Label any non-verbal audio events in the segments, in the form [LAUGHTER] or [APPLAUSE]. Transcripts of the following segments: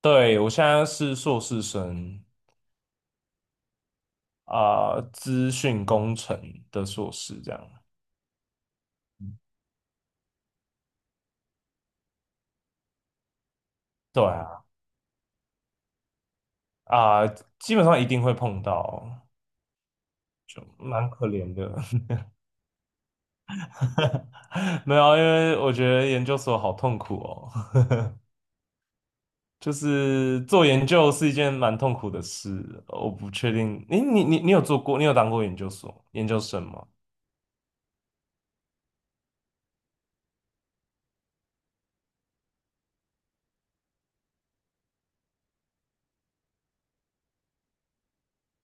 对，我现在是硕士生啊，资讯工程的硕士这样。对啊，啊、基本上一定会碰到，就蛮可怜的。[LAUGHS] 没有啊因为我觉得研究所好痛苦哦，[LAUGHS] 就是做研究是一件蛮痛苦的事。我不确定，诶，你有做过，你有当过研究所研究生吗？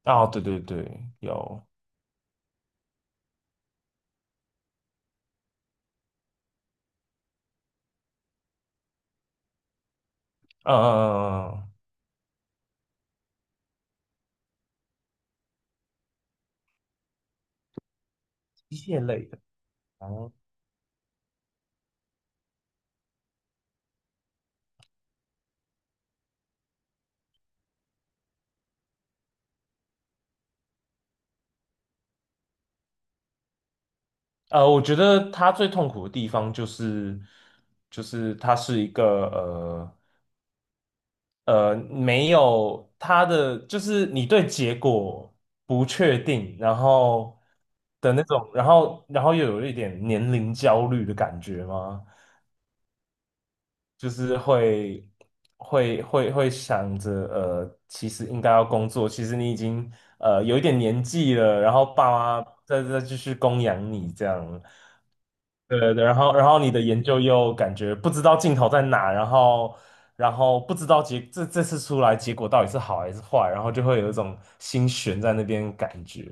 啊，对对对，有，嗯嗯嗯嗯，嗯机械类的。我觉得他最痛苦的地方就是，就是他是一个没有他的，就是你对结果不确定，然后的那种，然后又有一点年龄焦虑的感觉吗？就是会想着，其实应该要工作，其实你已经有一点年纪了，然后爸妈在再继续供养你这样，对对，然后你的研究又感觉不知道尽头在哪，然后不知道这次出来结果到底是好还是坏，然后就会有一种心悬在那边感觉。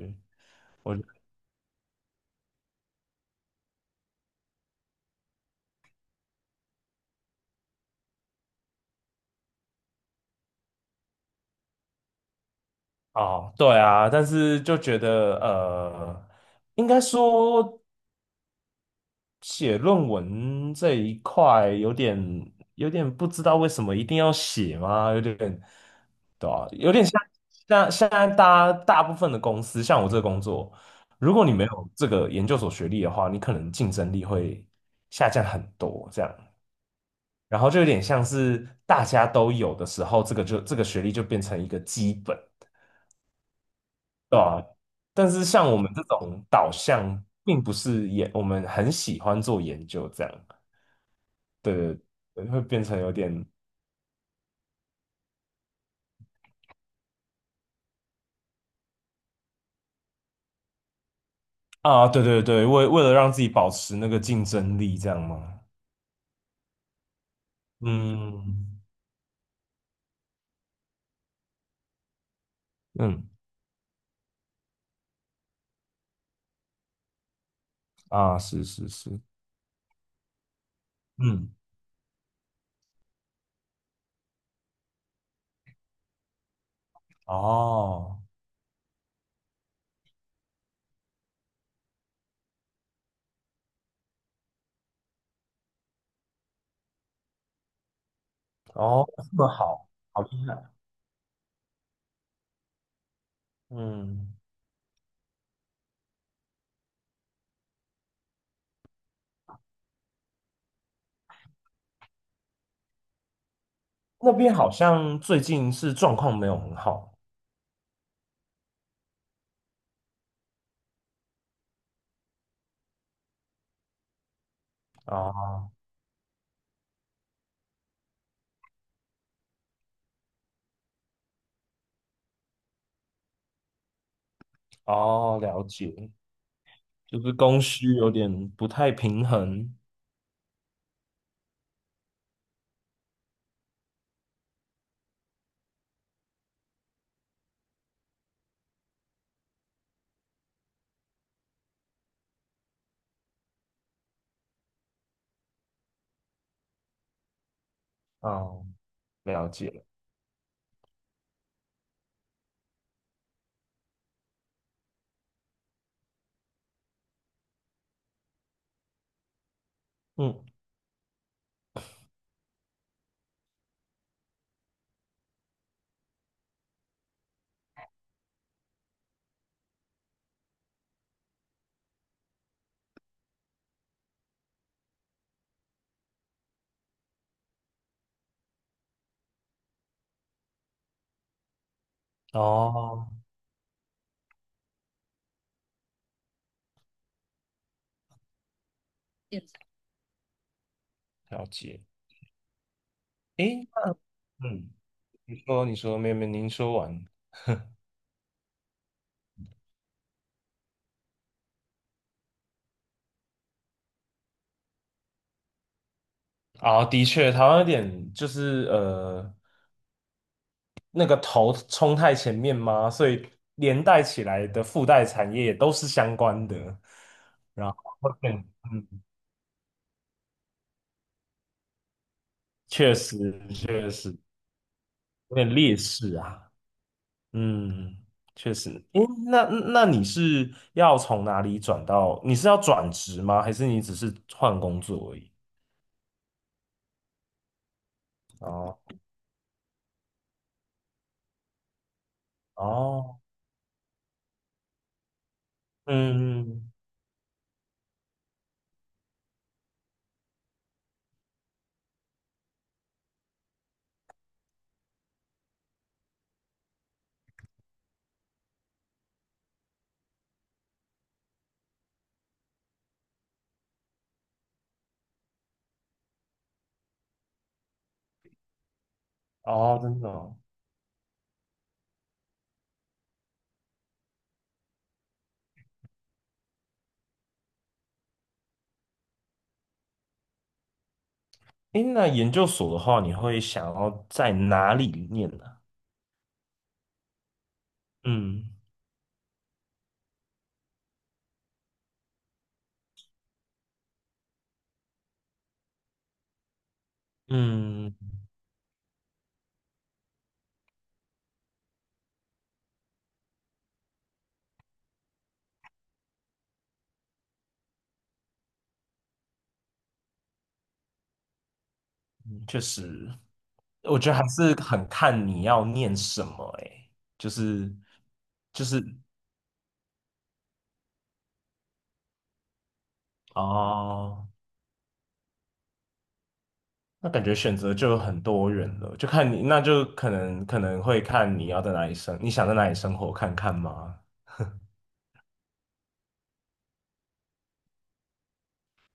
哦，对啊，但是就觉得应该说。写论文这一块有点不知道为什么一定要写吗？有点对啊，有点像现在大家大部分的公司，像我这个工作，如果你没有这个研究所学历的话，你可能竞争力会下降很多这样。然后就有点像是大家都有的时候，这个就这个学历就变成一个基本，对吧？但是像我们这种导向，并不是我们很喜欢做研究这样。对对对会变成有点啊，对对对，为了让自己保持那个竞争力，这样吗？嗯嗯啊，是是是，嗯哦哦，这么好，好厉害，嗯，那边好像最近是状况没有很好啊，哦，了解，就是供需有点不太平衡，哦，了解了，嗯，哦，了解，诶，嗯，你说你说，没有没有，您说完。啊，的确，台湾有点就是那个头冲太前面嘛，所以连带起来的附带产业也都是相关的，然后会变嗯，确实确实有点劣势啊，嗯，确实。诶，那那你是要从哪里转到？你是要转职吗？还是你只是换工作而已？哦哦，嗯嗯，哦，真的哦哎，那研究所的话，你会想要在哪里念呢？嗯嗯，确实，我觉得还是很看你要念什么、欸哎，就是就是哦，那感觉选择就有很多人了，就看你，那就可能会看你要在哪里生，你想在哪里生活看看吗？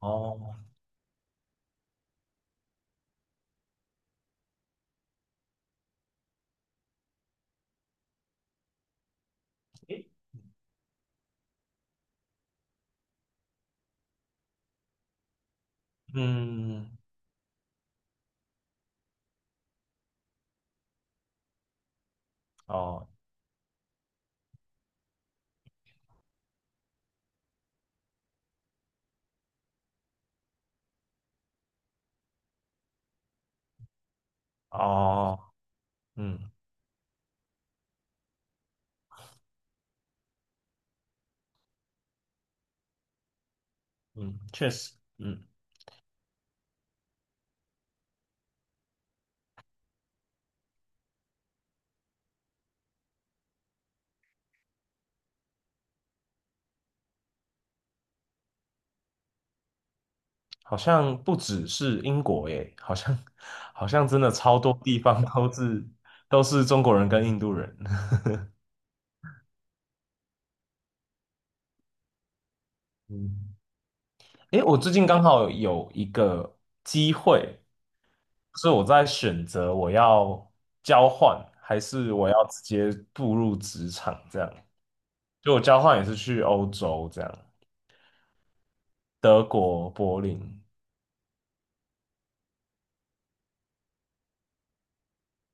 哦，诶嗯，哦哦，嗯嗯，确实，嗯。好像不只是英国耶，好像真的超多地方 [LAUGHS] 都是中国人跟印度人。[LAUGHS] 嗯，诶，我最近刚好有一个机会，所以我在选择我要交换还是我要直接步入职场这样。就我交换也是去欧洲这样，德国柏林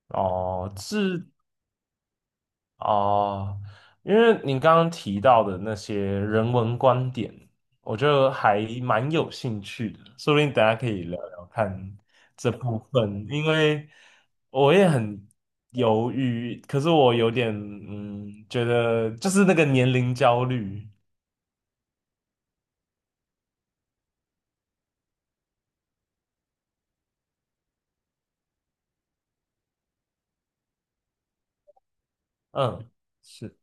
哦，是哦，因为你刚刚提到的那些人文观点，我觉得还蛮有兴趣的，说不定等下可以聊聊看这部分，因为我也很犹豫，可是我有点嗯，觉得就是那个年龄焦虑，嗯，是，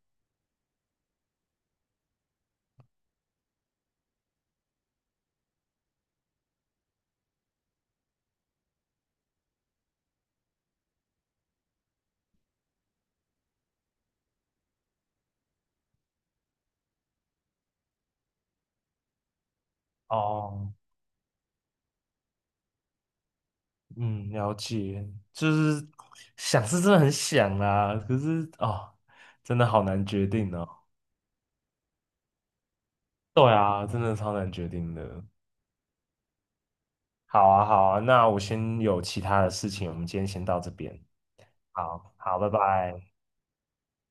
哦，嗯，了解，就是想是真的很想啦，可是哦，真的好难决定哦，对啊，真的超难决定的。好啊，好啊，那我先有其他的事情，我们今天先到这边。好，好，拜拜。